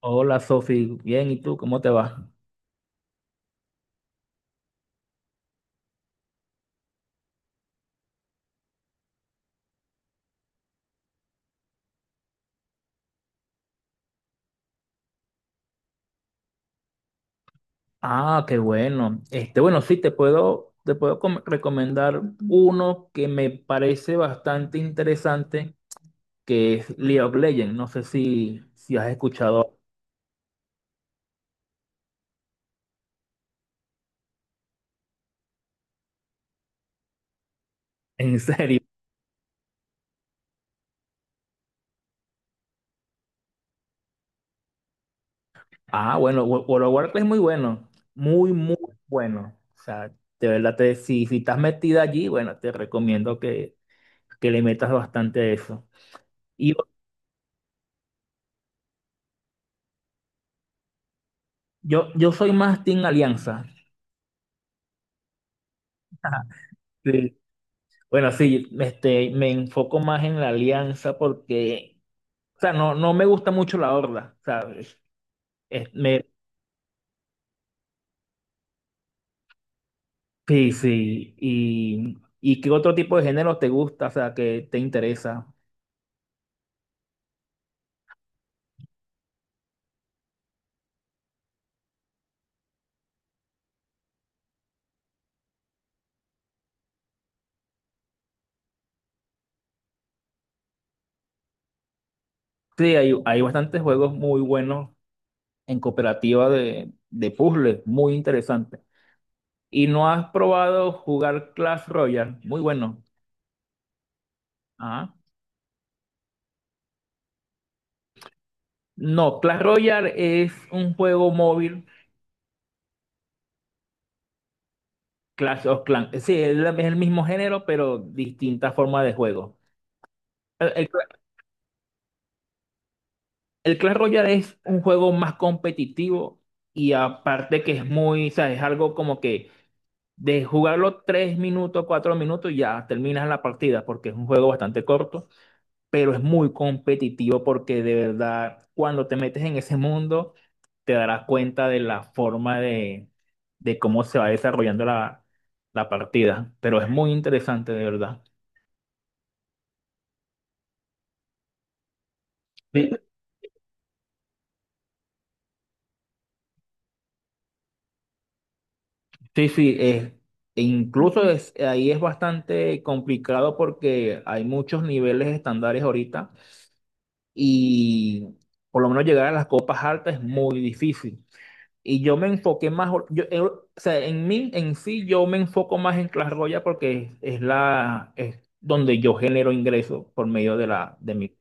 Hola Sofi, bien, ¿y tú cómo te va? Ah, qué bueno. Este, bueno, sí, te puedo recomendar uno que me parece bastante interesante, que es League of Legends. No sé si has escuchado. En serio. Ah, bueno, World of Warcraft es muy bueno, muy, muy bueno. O sea, de verdad, si estás metida allí, bueno, te recomiendo que le metas bastante a eso. Y yo soy más Team Alianza. Bueno, sí, este, me enfoco más en la alianza porque, o sea, no me gusta mucho la horda, ¿sabes? Es- me, sí, sí. ¿Y qué otro tipo de género te gusta, o sea, que te interesa? Sí, hay bastantes juegos muy buenos en cooperativa de puzzles, muy interesantes. ¿Y no has probado jugar Clash Royale? Muy bueno. Ajá. No, Clash Royale es un juego móvil. Clash of Clans. Sí, es el mismo género, pero distinta forma de juego. El, el- el Clash Royale es un juego más competitivo y aparte que es muy, o sea, es algo como que de jugarlo 3 minutos, 4 minutos, ya terminas la partida porque es un juego bastante corto, pero es muy competitivo porque de verdad cuando te metes en ese mundo te darás cuenta de la forma de cómo se va desarrollando la partida, pero es muy interesante de verdad. Sí, sí, es e incluso ahí es bastante complicado porque hay muchos niveles estándares ahorita y por lo menos llegar a las copas altas es muy difícil. Y yo me enfoqué más, yo, o sea, en mí, en sí, yo me enfoco más en Clash Royale porque es donde yo genero ingresos por medio de mi.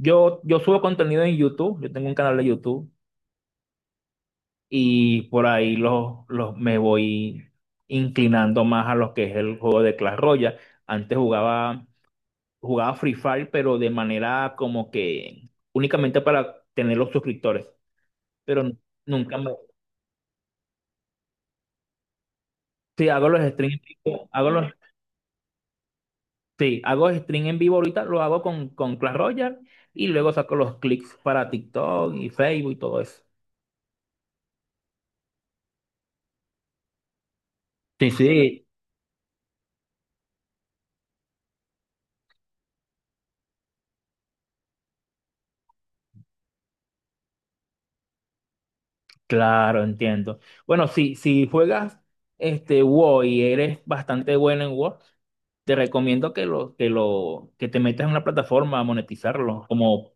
Yo subo contenido en YouTube, yo tengo un canal de YouTube y por ahí me voy inclinando más a lo que es el juego de Clash Royale. Antes jugaba Free Fire, pero de manera como que únicamente para tener los suscriptores, pero nunca me... Sí, hago los streams en vivo, sí, hago stream en vivo ahorita, lo hago con Clash Royale y luego saco los clics para TikTok y Facebook y todo eso. Sí, sí, claro, entiendo. Bueno, si juegas este WoW y eres bastante bueno en WoW, te recomiendo que te metas en una plataforma a monetizarlo, como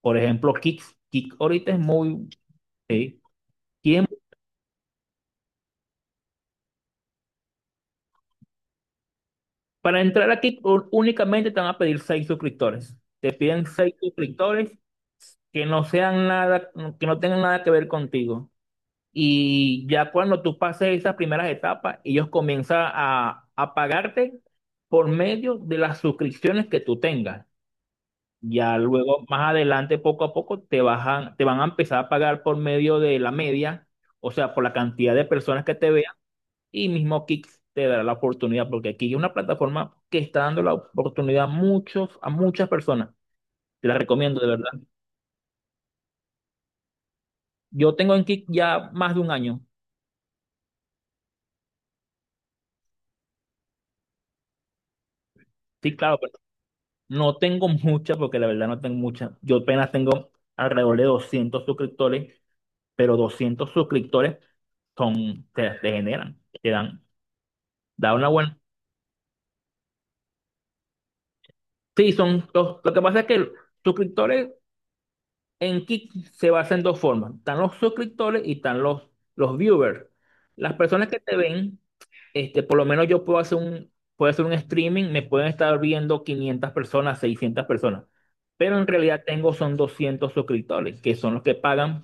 por ejemplo Kick. Kick ahorita es muy, sí. Tien- Para entrar a Kick únicamente te van a pedir 6 suscriptores. Te piden 6 suscriptores que no sean nada, que no tengan nada que ver contigo. Y ya cuando tú pases esas primeras etapas, ellos comienzan a pagarte por medio de las suscripciones que tú tengas. Ya luego, más adelante, poco a poco, te bajan, te van a empezar a pagar por medio de la media, o sea, por la cantidad de personas que te vean, y mismo Kick te dará la oportunidad, porque aquí es una plataforma que está dando la oportunidad a muchas personas. Te la recomiendo, de verdad. Yo tengo en Kick ya más de un año. Sí, claro, pero no tengo muchas, porque la verdad no tengo muchas. Yo apenas tengo alrededor de 200 suscriptores, pero 200 suscriptores son, te generan, te dan, da una buena. Sí, son dos. Lo que pasa es que los suscriptores en Kick se basan en dos formas. Están los suscriptores y están los viewers. Las personas que te ven, este, por lo menos yo puedo hacer un streaming, me pueden estar viendo 500 personas, 600 personas. Pero en realidad tengo son 200 suscriptores, que son los que pagan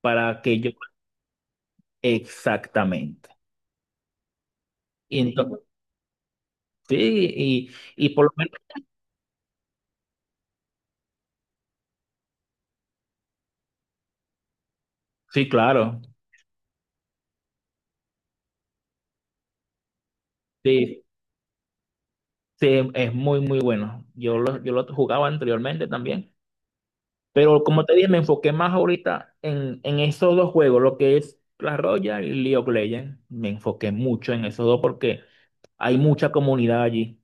para que yo... Exactamente. Y entonces, sí, y por lo menos... Sí, claro. Sí, sí, es muy, muy bueno. Yo lo jugaba anteriormente también, pero como te dije, me enfoqué más ahorita en esos dos juegos, lo que es Clash Royale y League of Legends. Me enfoqué mucho en esos dos porque hay mucha comunidad allí.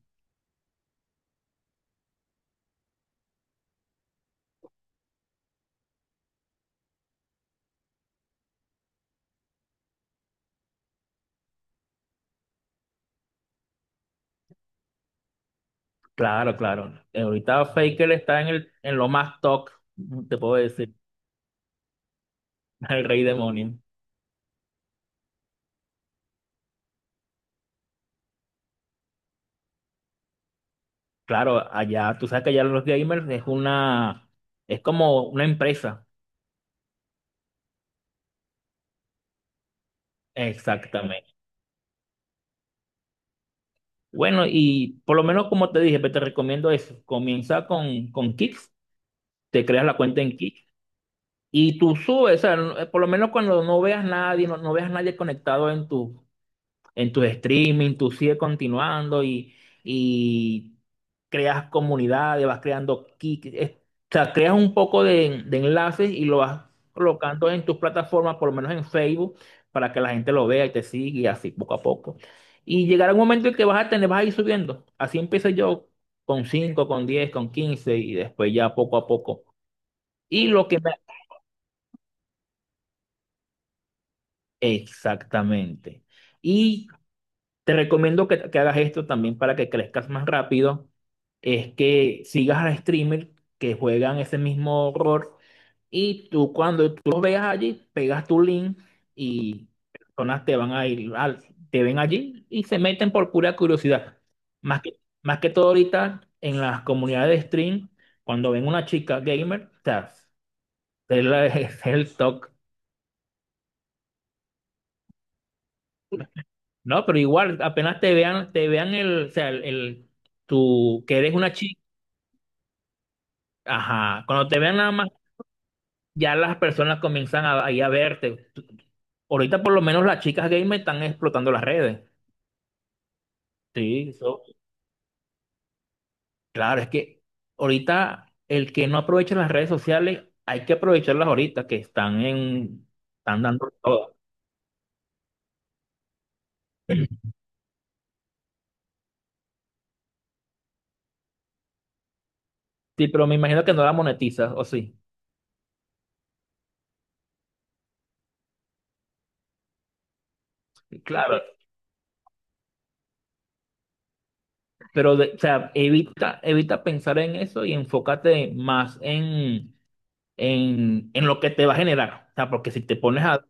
Claro, claro. Ahorita Faker está en lo más top, te puedo decir. El rey demonio. Claro, allá, tú sabes que allá los gamers es como una empresa. Exactamente. Bueno, y por lo menos como te dije, pues, te recomiendo eso. Comienza con Kicks, te creas la cuenta en Kicks y tú subes, o sea, por lo menos cuando no veas nadie, no veas nadie conectado en tu streaming, tú sigues continuando y creas comunidades, o sea, creas un poco de enlaces y lo vas colocando en tus plataformas, por lo menos en Facebook, para que la gente lo vea y te siga y así poco a poco. Y llegará un momento en que vas a ir subiendo. Así empecé yo con cinco, con 10, con 15 y después ya poco a poco. Y lo que me... Exactamente. Y te recomiendo que hagas esto también para que crezcas más rápido. Es que sigas a streamers que juegan ese mismo horror y tú cuando tú los veas allí, pegas tu link y personas te van a ir, al- te ven allí y se meten por pura curiosidad. Más que todo ahorita en las comunidades de stream, cuando ven una chica gamer, o sea, es el talk. No, pero igual, te vean o sea, tú que eres una chica. Ajá, cuando te vean nada más, ya las personas comienzan ahí a verte. Ahorita por lo menos las chicas gamer están explotando las redes. Sí, eso. Claro, es que ahorita el que no aprovecha las redes sociales, hay que aprovecharlas ahorita que están están dando todo. Sí, pero me imagino que no la monetizas, o sí. Claro, pero o sea, evita pensar en eso y enfócate más en en lo que te va a generar. O sea, porque si te pones a,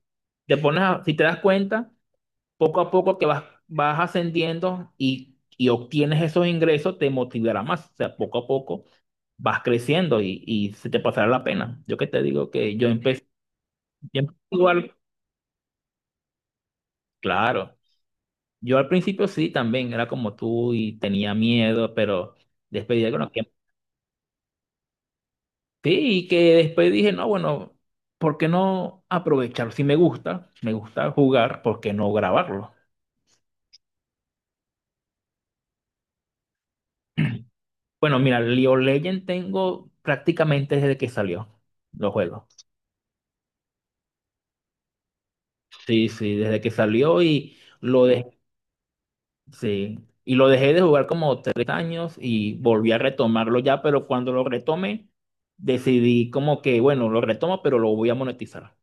te pones a, si te das cuenta, poco a poco que vas ascendiendo y obtienes esos ingresos, te motivará más. O sea, poco a poco vas creciendo y se te pasará la pena. Yo que te digo que yo empecé igual, claro. Yo al principio sí también era como tú y tenía miedo, pero después dije, bueno, que sí, y que después dije, no, bueno, ¿por qué no aprovechar? Si me gusta jugar, ¿por qué no grabarlo? Bueno, mira, League of Legends tengo prácticamente desde que salió los juegos. Sí, sí, desde que salió y lo dejé, sí, y lo dejé de jugar como 3 años y volví a retomarlo ya, pero cuando lo retomé, decidí como que, bueno, lo retomo, pero lo voy a monetizar.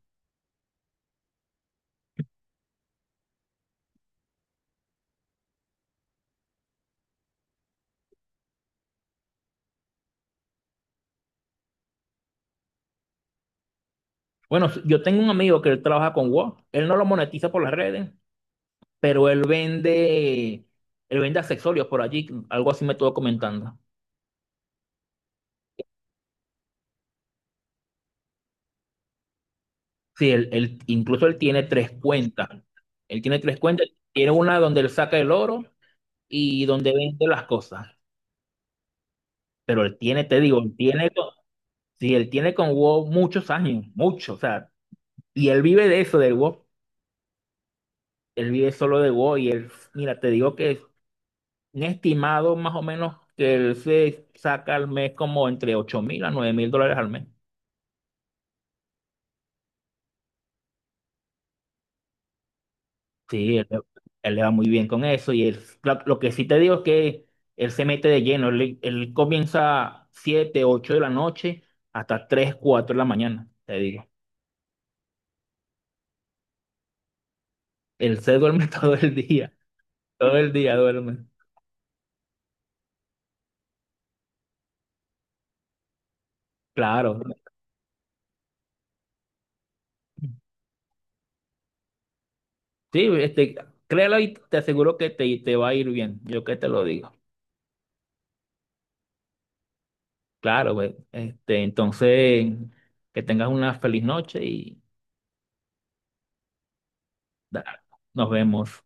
Bueno, yo tengo un amigo que él trabaja con WoW, él no lo monetiza por las redes, pero él vende accesorios por allí, algo así me estuvo comentando. Sí, incluso él tiene tres cuentas. Él tiene tres cuentas. Tiene una donde él saca el oro y donde vende las cosas. Pero él tiene, te digo, sí, él tiene con WoW muchos años, muchos, o sea, y él vive de eso, del WoW. Él vive solo de WoW y mira, te digo que es un estimado más o menos que él se saca al mes como entre 8.000 a 9.000 dólares al mes. Sí, él le va muy bien con eso y lo que sí te digo es que él se mete de lleno, él comienza 7 8 de la noche hasta 3 4 de la mañana, te digo. Él se duerme todo el día duerme. Claro. Sí, este, créelo y te aseguro que te va a ir bien, yo que te lo digo. Claro, güey. Este, entonces, que tengas una feliz noche y da- nos vemos.